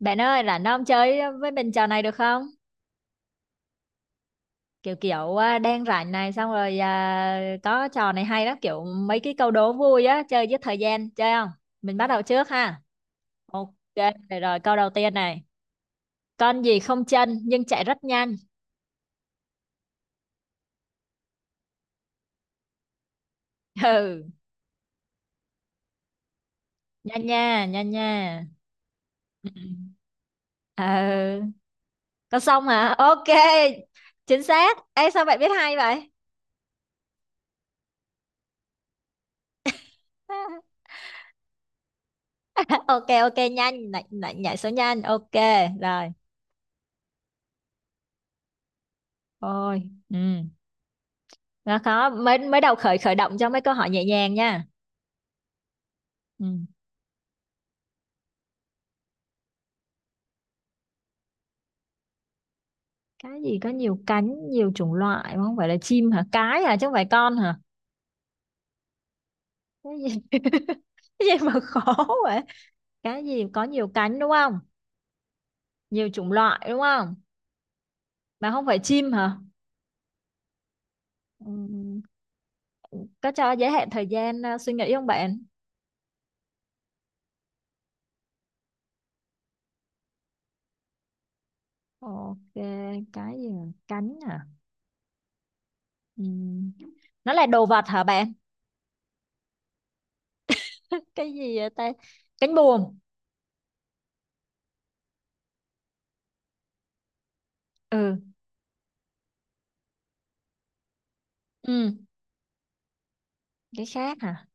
Bạn ơi, rảnh không chơi với mình trò này được không? Kiểu kiểu à, đang rảnh này xong có trò này hay lắm, kiểu mấy cái câu đố vui á, chơi giết thời gian, chơi không? Mình bắt đầu trước ha. Ok, rồi câu đầu tiên này. Con gì không chân nhưng chạy rất nhanh? Ừ, nhanh nha. Ừ. Ờ, con sông hả? Ok, chính xác. Ê, sao bạn biết hay vậy? Ok, ok, nhanh, nhảy số nhanh, ok, rồi. Ôi, ừ. Đó, khó mới mới đầu khởi khởi động cho mấy câu hỏi nhẹ nhàng nha, ừ. Cái gì có nhiều cánh nhiều chủng loại không phải là chim hả, cái hả chứ không phải con hả, cái gì? Cái gì mà khó vậy, cái gì có nhiều cánh đúng không, nhiều chủng loại đúng không, mà không phải chim hả? Ừ. Có cho giới hạn thời gian suy nghĩ không bạn? Ok, cái gì mà cánh hả? Ừ. Nó là đồ vật hả bạn? Cái gì vậy ta, cánh buồm? Ừ. Ừ, cái khác hả,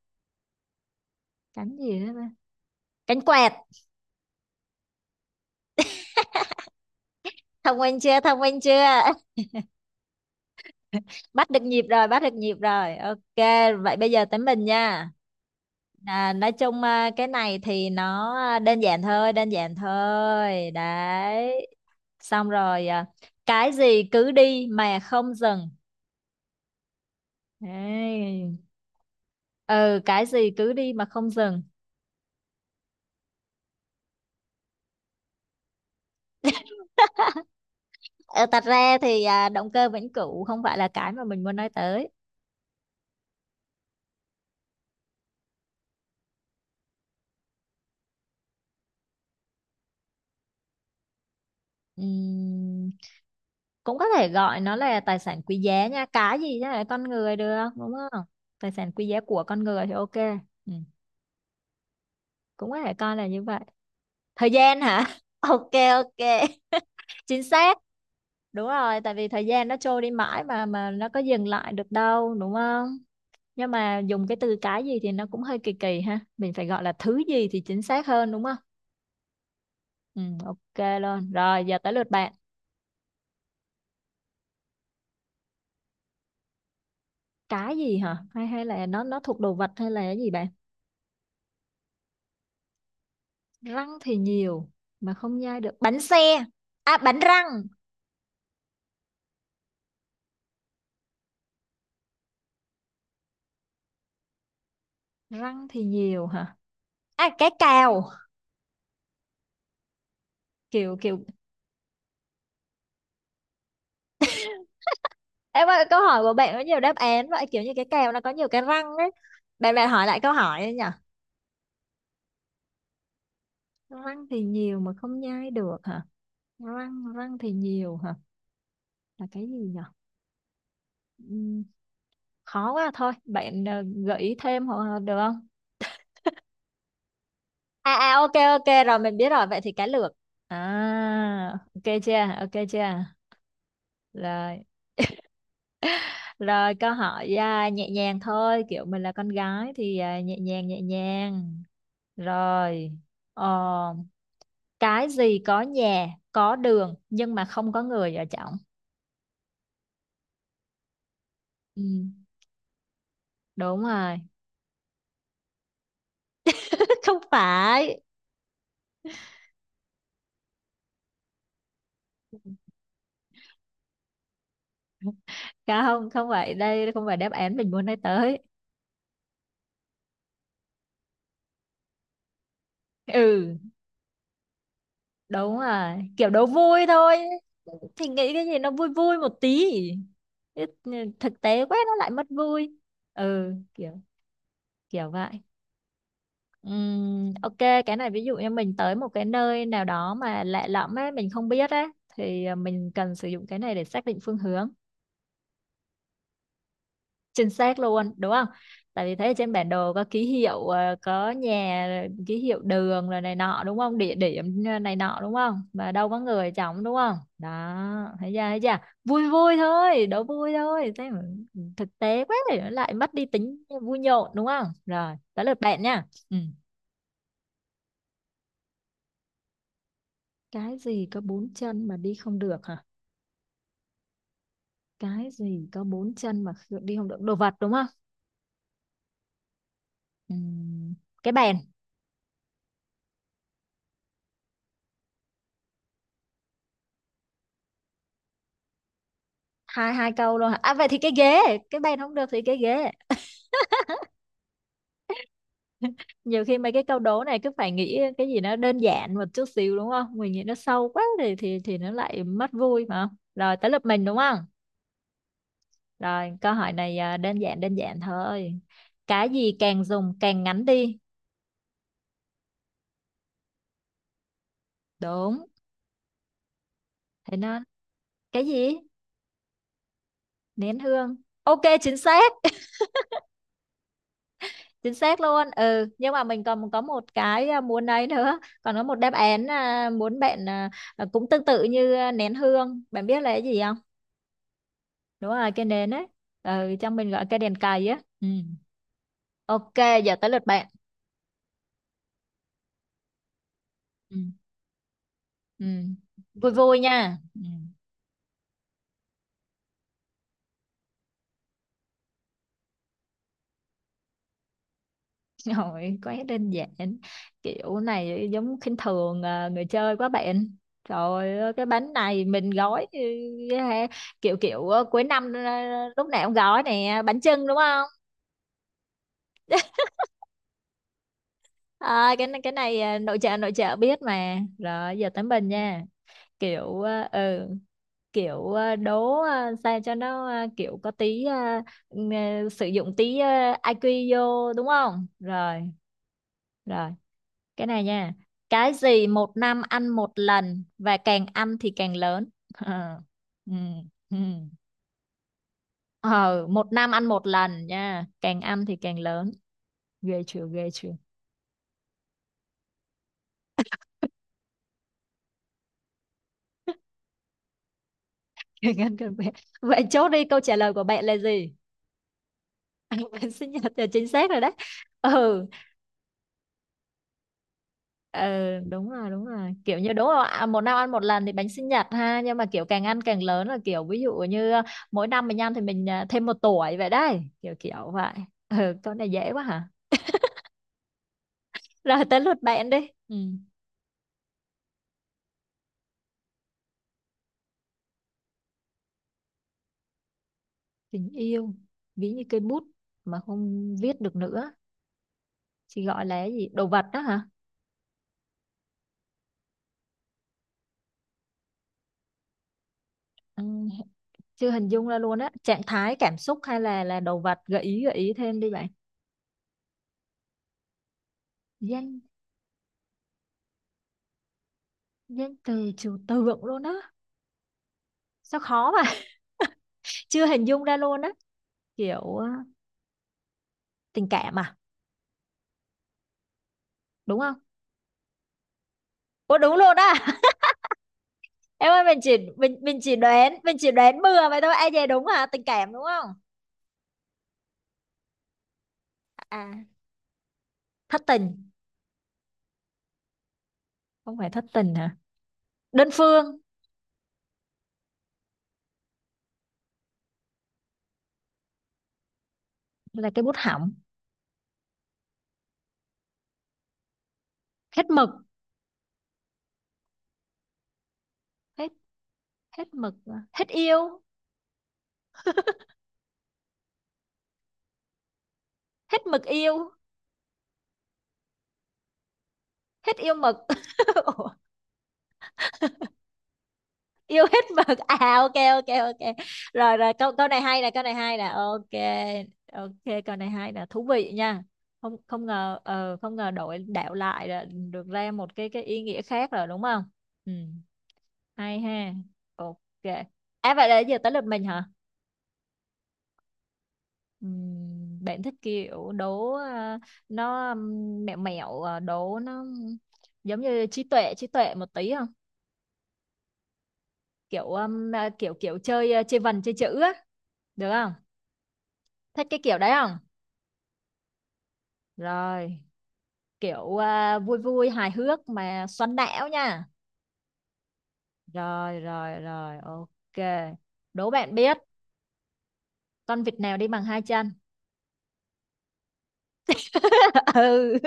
cánh gì đó ta? Cánh quẹt. Thông minh chưa, thông minh chưa. Bắt được nhịp rồi, bắt được nhịp rồi. Ok, vậy bây giờ tới mình nha. Nói chung cái này thì nó đơn giản thôi đấy, xong cái gì cứ đi mà không dừng? Đấy. Ừ, cái gì cứ đi mà không dừng? Ờ, thật ra thì động cơ vĩnh cửu không phải là cái mà mình muốn nói tới. Ừm, cũng có thể gọi nó là tài sản quý giá nha, cái gì chứ là con người được đúng không, tài sản quý giá của con người thì ok. Ừ. Cũng có thể coi là như vậy. Thời gian hả? Ok, ok, chính xác. Đúng rồi, tại vì thời gian nó trôi đi mãi mà nó có dừng lại được đâu đúng không. Nhưng mà dùng cái từ cái gì thì nó cũng hơi kỳ kỳ ha, mình phải gọi là thứ gì thì chính xác hơn đúng không. Ừ, ok luôn, rồi giờ tới lượt bạn. Cái gì hả, hay hay là nó thuộc đồ vật hay là cái gì bạn? Răng thì nhiều mà không nhai được, bánh xe? À, bánh răng. Răng thì nhiều hả, à cái cào, kiểu kiểu. Em ơi câu hỏi của bạn có nhiều đáp án vậy, kiểu như cái cào nó có nhiều cái răng ấy. Bạn bạn hỏi lại câu hỏi ấy nhỉ. Răng thì nhiều mà không nhai được hả? Răng răng thì nhiều hả, là cái gì nhỉ? Ừm, khó quá thôi bạn, ờ, gợi ý thêm hoặc được không? À à, ok ok, rồi mình biết rồi, vậy thì cá lược. À. Ok chưa, ok chưa? Rồi. Rồi câu hỏi nhẹ nhàng thôi, kiểu mình là con gái thì nhẹ nhàng nhẹ nhàng. Rồi, ờ, cái gì có nhà, có đường nhưng mà không có người ở trong? Ừ, đúng rồi. Không phải. Không, không phải, đây không phải đáp án mình muốn nói tới. Ừ, đúng rồi. Kiểu đố vui thôi. Thì nghĩ cái gì nó vui vui một tí. Ít- ừ, Thực tế quá nó lại mất vui. Ừ, kiểu kiểu vậy. Ok cái này ví dụ như mình tới một cái nơi nào đó mà lạ lẫm á, mình không biết á, thì mình cần sử dụng cái này để xác định phương hướng. Chính xác luôn đúng không, tại vì thấy ở trên bản đồ có ký hiệu có nhà rồi ký hiệu đường rồi này nọ đúng không, địa điểm, ờ, này nọ đúng không, mà đâu có người trống đúng không đó. Thấy chưa, thấy chưa. Vui vui thôi, đố vui thôi thế mà. Ừ, thực tế quá thì nó lại mất đi tính vui nhộn đúng không, rồi tới lượt bạn nha. Ừ. Cái gì có bốn chân mà đi không được hả? Cái gì có bốn chân mà đi không được, đồ vật đúng không? Ừm, cái bèn. Hai hai câu luôn hả, à vậy thì cái ghế, cái bèn không được thì cái ghế. Nhiều khi mấy cái câu đố này cứ phải nghĩ cái gì nó đơn giản một chút xíu đúng không, mình nghĩ nó sâu quá thì nó lại mất vui mà. Rồi tới lượt mình đúng không, rồi câu hỏi này, à, đơn giản thôi. Cái gì càng dùng càng ngắn đi? Đúng. Thế nó, cái gì, nén hương. Ok, chính xác, chính xác luôn. Ừ nhưng mà mình còn có một cái muốn ấy nữa, còn có một đáp án, à, muốn bạn, à, cũng tương tự như, à, nén hương, bạn biết là cái gì không? Đúng rồi cái nến ấy. Ừ, trong mình gọi cái đèn cầy á. Ừ. Ok giờ tới lượt bạn. Ừ. Ừ. Vui vui nha, ừ. Rồi, quá đơn giản. Kiểu này giống khinh thường à, người chơi quá bạn. Trời ơi, cái bánh này mình gói, ừ, kiểu kiểu ờ, cuối năm, ờ, lúc nào cũng gói nè, bánh chưng đúng không. À, cái này nội trợ biết mà, rồi giờ tới mình nha. kiểu à, ừ đố sao cho nó kiểu có tí sử dụng tí IQ vô đúng không rồi. Rồi, cái này nha. Cái gì một năm ăn một lần và càng ăn thì càng lớn? Ờ, ừ, ừ. Ờ, một năm ăn một lần nha, càng ăn thì càng lớn. Ghê chưa, ghê chưa. Càng ăn càng bé, vậy chốt đi câu trả lời của bạn là gì? Bạn sinh nhật là chính xác rồi đấy. Ừ. Ờ, đúng rồi, đúng rồi, kiểu như đúng rồi, à, một năm ăn một lần thì bánh sinh nhật ha, nhưng mà kiểu càng ăn càng lớn là kiểu ví dụ như, à, mỗi năm mình ăn thì mình, à, thêm một tuổi vậy đấy, kiểu kiểu vậy. Ừ, con này dễ quá hả. Rồi tới lượt bạn đi. Ừ. Tình yêu ví như cây bút mà không viết được nữa chỉ gọi là cái gì, đồ vật đó hả? Ừ, chưa hình dung ra luôn á, trạng thái cảm xúc hay là đồ vật, gợi ý thêm đi bạn. Danh danh từ trừu tượng luôn á, sao khó mà. Chưa hình dung ra luôn á. Kiểu ờ, tình cảm à? Đúng không? Ủa đúng luôn á? Em ơi mình chỉ, mình chỉ đoán, mình chỉ đoán bừa vậy thôi ai về đúng hả, tình cảm đúng không? À, thất tình. Không phải thất tình hả, đơn phương. Là cái bút hỏng. Hết mực. Hết, hết mực à? Hết yêu. Hết mực yêu. Hết yêu mực. Yêu hết mực à, ok ok ok. Rồi rồi câu câu này hay nè, câu này hay nè, ok. Ok câu này hay nè, thú vị nha. Không không ngờ, ờ, không ngờ đổi đạo lại là được ra một cái ý nghĩa khác rồi đúng không. Ừ. Hay ha. Ok. À vậy là giờ tới lượt mình hả. Bạn thích kiểu đố, ờ, nó mẹo mẹo ờ, đố nó giống như trí tuệ một tí không? Kiểu à, kiểu kiểu chơi, ờ, chơi vần chơi chữ á, được không? Thích cái kiểu đấy không? Rồi, kiểu à, vui vui hài hước mà xoắn não nha. Rồi. Ok. Đố bạn biết con vịt nào đi bằng hai chân? Ừ,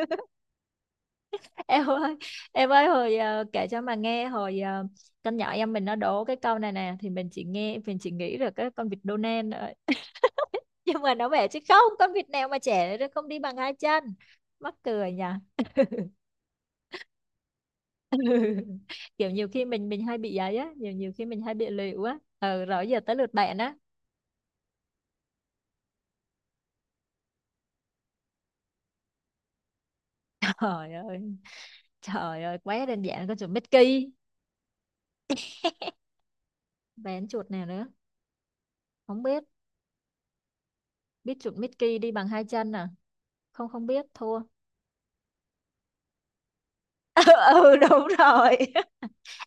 em ơi, em ơi, hồi, à, kể cho mà nghe hồi, à, con nhỏ em mình nó đố cái câu này nè, thì mình chỉ nghe mình chỉ nghĩ là cái con vịt Donald thôi. Nhưng mà nó bảo chứ không, con vịt nào mà trẻ nó không đi bằng hai chân. Mắc cười nhỉ. Kiểu nhiều khi mình hay bị ấy á, nhiều nhiều khi mình hay bị lịu á. Ừ, rồi giờ tới lượt bạn á. Trời ơi, quá đơn giản, con chuột Mickey. Vén chuột nào nữa? Không biết. Biết chuột Mickey đi bằng hai chân à? Không không biết, thua. Ừ đúng rồi.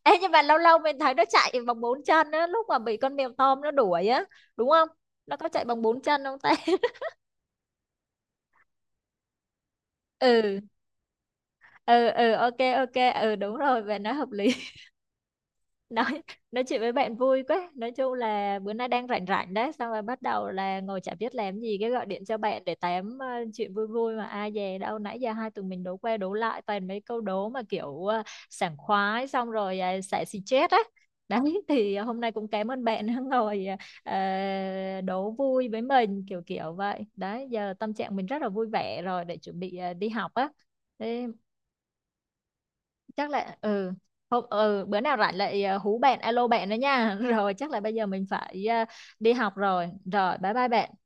Ê, nhưng mà lâu lâu mình thấy nó chạy bằng bốn chân á, lúc mà bị con mèo Tom nó đuổi á, đúng không? Nó có chạy bằng bốn chân không ta? ừ, ừ, ok, ok, ừ đúng rồi, về nói hợp lý. Nói nói chuyện với bạn vui quá, nói chung là bữa nay đang rảnh rảnh đấy, xong rồi bắt đầu là ngồi chả biết làm gì cái gọi điện cho bạn để tám, ờ, chuyện vui vui mà ai dè đâu nãy giờ hai tụi mình đố qua đố lại toàn mấy câu đố mà kiểu, ờ, sảng khoái xong rồi, xả xì chết á đấy. Thì hôm nay cũng cảm ơn bạn đã ngồi, ờ, đố vui với mình kiểu kiểu vậy đấy, giờ tâm trạng mình rất là vui vẻ rồi để chuẩn bị, ờ, đi học á. Thế chắc là ừ, hôm ừ bữa nào rảnh lại, ờ, hú bạn alo bạn đó nha. Rồi chắc là bây giờ mình phải, ờ, đi học rồi, bye bye bạn.